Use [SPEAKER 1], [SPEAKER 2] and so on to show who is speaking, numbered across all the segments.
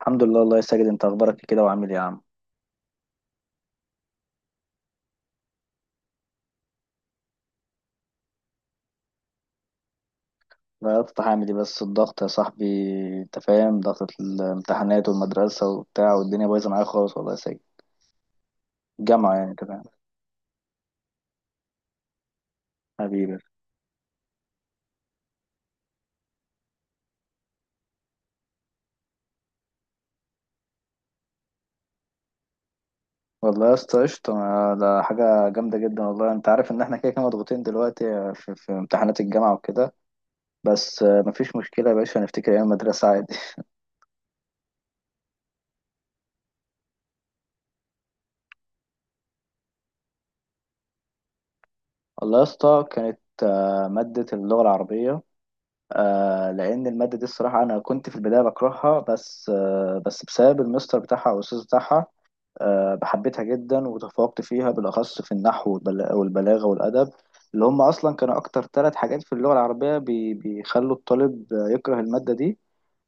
[SPEAKER 1] الحمد لله الله يسجد. انت اخبارك كده وعامل ايه يا عم؟ غيرت هعمل ايه بس الضغط يا صاحبي. انت فاهم ضغط الامتحانات والمدرسه وبتاع والدنيا بايظه معايا خالص والله يا ساجد. الجامعه، يعني انت فاهم. حبيبي. والله يا اسطى قشطه، ده حاجه جامده جدا والله. انت عارف ان احنا كده كده مضغوطين دلوقتي في امتحانات الجامعه وكده. بس مفيش مشكله يا باشا، هنفتكر ايام المدرسه عادي. والله يا اسطى كانت ماده اللغه العربيه. آه، لان الماده دي الصراحه انا كنت في البدايه بكرهها، بس بس بسبب المستر بتاعها او الاستاذ بتاعها بحبتها جدا وتفوقت فيها، بالاخص في النحو والبلاغه والادب، اللي هم اصلا كانوا اكتر ثلاث حاجات في اللغه العربيه بيخلوا الطالب يكره الماده دي.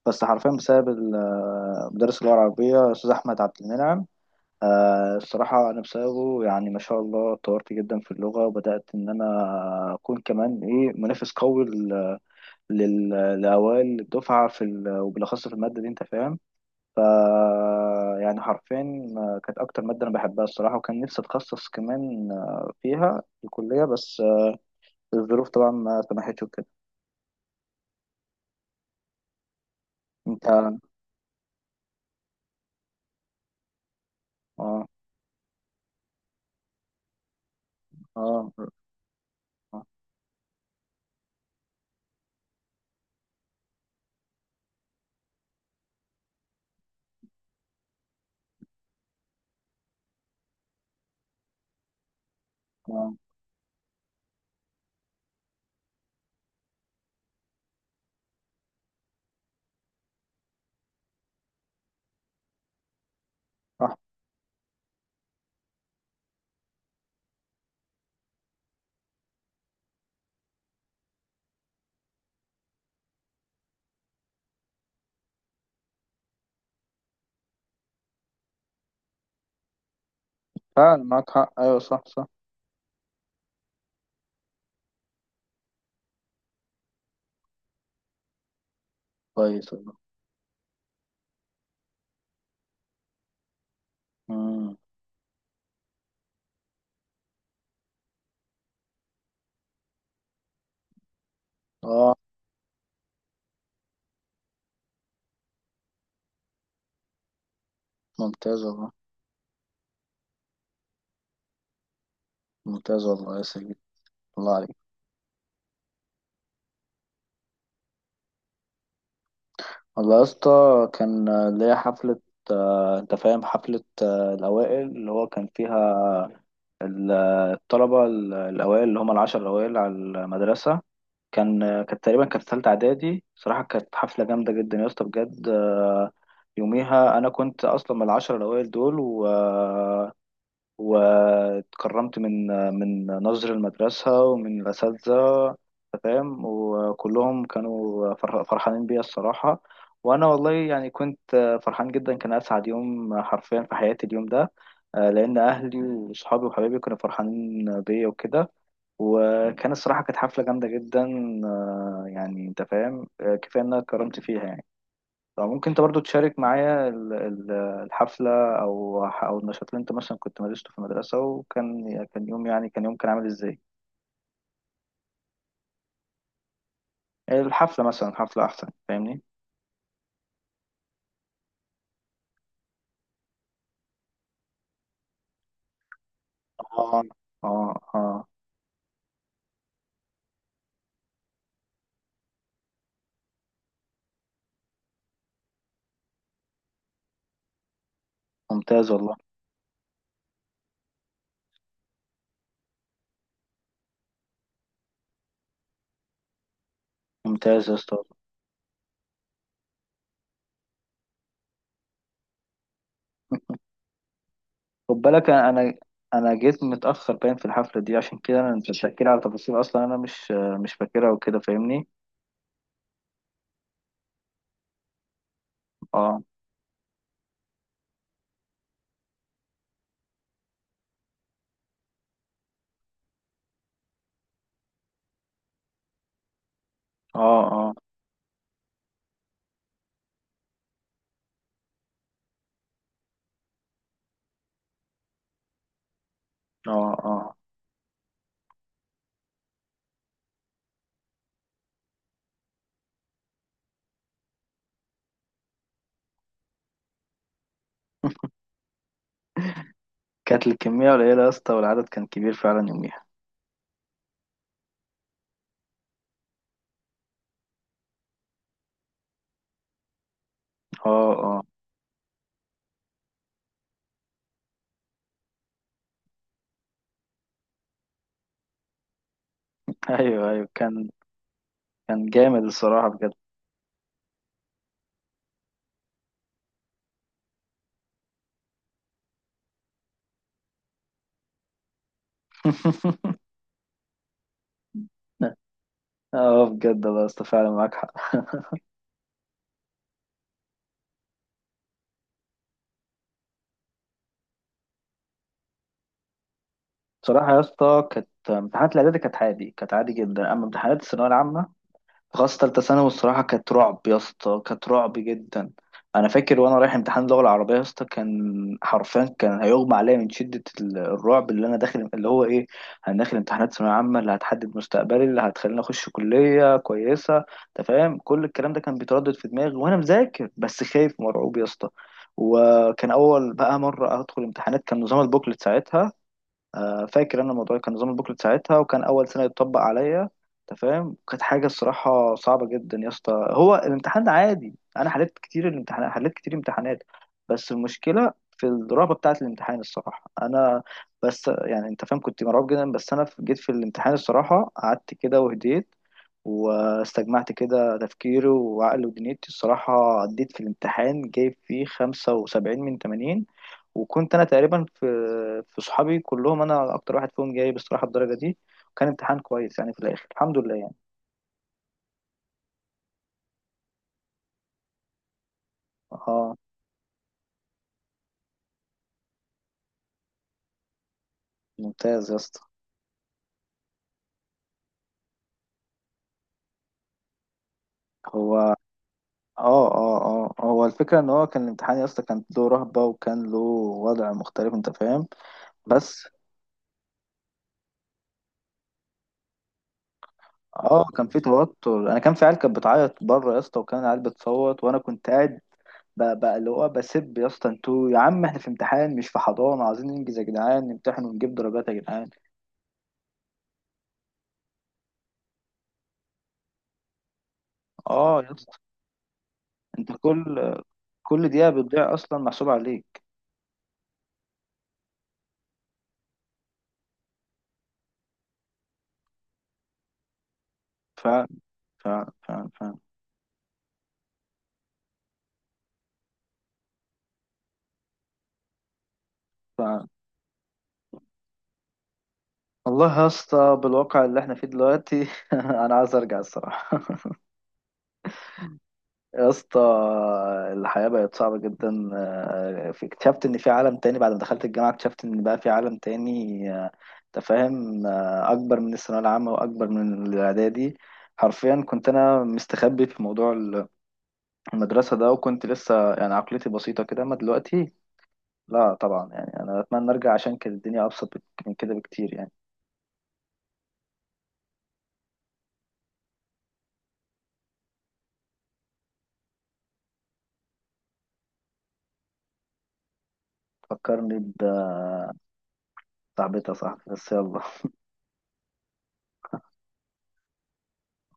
[SPEAKER 1] بس حرفيا بسبب مدرس اللغه العربيه الاستاذ احمد عبد المنعم. آه، الصراحه انا بسببه يعني ما شاء الله اتطورت جدا في اللغه، وبدات ان انا اكون كمان ايه منافس قوي لأوائل الدفعة في وبالأخص في المادة دي أنت فاهم. ف يعني حرفيا كانت أكتر مادة أنا بحبها الصراحة، وكان نفسي أتخصص كمان، فيها في الكلية، بس الظروف طبعا ما سمحتش وكده. أنت آه. آه. آه آه، آه، صح. فعلا معاك حق، أيوه صح صح. كويس والله. مم. آه. ممتاز والله. ممتاز والله يا سيدي. الله عليك. والله يا اسطى كان ليا حفلة، أنت فاهم حفلة الأوائل اللي هو كان فيها ال- الطلبة الأوائل اللي هم العشر الأوائل على المدرسة. كانت تقريبا كانت تالتة إعدادي. صراحة كانت حفلة جامدة جدا يا اسطى بجد. آه، يوميها أنا كنت أصلا من العشر الأوائل دول، و واتكرمت من من نظر المدرسة ومن الأساتذة. أنت فاهم، وكلهم كانوا فرحانين بيا الصراحة. وأنا والله يعني كنت فرحان جدا، كان أسعد يوم حرفيا في حياتي اليوم ده. آه، لأن أهلي وصحابي وحبايبي كانوا فرحانين بيا وكده. وكان الصراحة كانت حفلة جامدة جدا. آه، يعني أنت فاهم، آه، كفاية إن أنا اتكرمت فيها يعني. فممكن انت برضو تشارك معايا الحفلة او او النشاط اللي انت مثلا كنت مارسته في المدرسة، وكان كان يوم، يعني كان يوم كان عامل ازاي؟ الحفلة مثلا، حفلة احسن، فاهمني. اه. اه. اه. ممتاز والله. ممتاز يا اسطى. خد بالك انا أنا جيت متأخر باين في الحفلة دي، عشان كده انا انت بتحكي لي على تفاصيل اصلا انا مش فاكرها وكده فاهمني. اه اه. اه اه اه. كانت الكمية قليلة يا اسطى، والعدد كان كبير فعلا يوميها. اه اه. ايوه ايوه كان. كان جامد الصراحة بجد. اه بجد، الله يا اسطى فعلا معاك حق. بصراحة يا اسطى كانت امتحانات الإعدادي كانت عادي كانت عادي جدا، أما امتحانات الثانوية العامة خاصة تالتة ثانوي، الصراحة كانت رعب يا اسطى، كانت رعب جدا. أنا فاكر وأنا رايح امتحان اللغة العربية يا اسطى، كان حرفيا كان هيغمى عليا من شدة الرعب اللي أنا داخل اللي هو إيه، أنا داخل امتحانات ثانوية عامة اللي هتحدد مستقبلي، اللي هتخليني أخش كلية كويسة. أنت فاهم كل الكلام ده كان بيتردد في دماغي وأنا مذاكر، بس خايف مرعوب يا اسطى. وكان أول بقى مرة أدخل امتحانات، كان نظام البوكلت ساعتها. آه، فاكر انا الموضوع، كان نظام البوكلت ساعتها وكان اول سنه يتطبق عليا. انت فاهم كانت حاجه الصراحه صعبه جدا يا اسطى. هو الامتحان عادي، انا حليت كتير الامتحانات، حليت كتير امتحانات، بس المشكله في الرهبه بتاعه الامتحان الصراحه. انا بس يعني انت فاهم كنت مرعوب جدا، بس انا جيت في الامتحان الصراحه، قعدت كده وهديت، واستجمعت كده تفكيري وعقلي ودنيتي الصراحة، عديت في الامتحان جايب فيه 75 من 80. وكنت انا تقريبا في في صحابي كلهم انا اكتر واحد فيهم جايب الصراحه الدرجه دي، وكان امتحان كويس يعني في الاخر، الحمد لله يعني. اه. ممتاز يا اسطى. هو اه. اه. اه، هو الفكره ان هو كان الامتحان يا اسطى كان له رهبه وكان له وضع مختلف، انت فاهم. بس اه. كان في توتر، انا كان في عيال كانت بتعيط بره يا اسطى، وكان العيال بتصوت وانا كنت قاعد بقى اللي هو بسب يا اسطى، انتوا يا عم احنا في امتحان مش في حضانه، عايزين ننجز يا جدعان، نمتحن ونجيب درجات يا جدعان. اه يا اسطى. انت كل كل دقيقة بتضيع أصلا محسوبة عليك. ف ف ف ف ف والله يا اسطى بالواقع اللي احنا فيه دلوقتي، أنا عايز أرجع الصراحة يا اسطى. الحياة بقت صعبة جدا. آه، اكتشفت إن في عالم تاني بعد ما دخلت الجامعة، اكتشفت إن بقى في عالم تاني. آه، أنت فاهم، آه، أكبر من الثانوية العامة وأكبر من الإعدادي. حرفيا كنت أنا مستخبي في موضوع المدرسة ده، وكنت لسه يعني عقليتي بسيطة كده، أما دلوقتي لا طبعا. يعني انا اتمنى ارجع عشان كانت الدنيا ابسط من كده بكتير يعني. فكرني بصاحبتي يا صاحبي، بس يلا.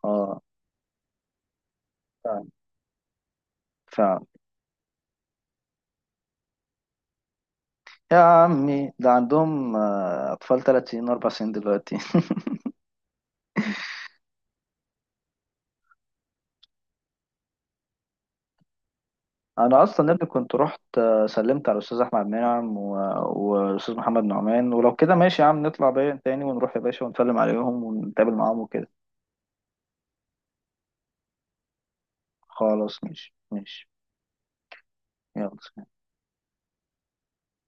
[SPEAKER 1] اه. فعلا. فعلا. يا عمي ده عندهم، آه، اطفال 3 سنين 4 سنين دلوقتي. انا اصلا ابني كنت رحت، آه، سلمت على الاستاذ احمد منعم، والاستاذ محمد نعمان، ولو كده ماشي يا عم نطلع بيا تاني ونروح يا باشا ونسلم عليهم ونتقابل معاهم وكده. خلاص ماشي ماشي. يلا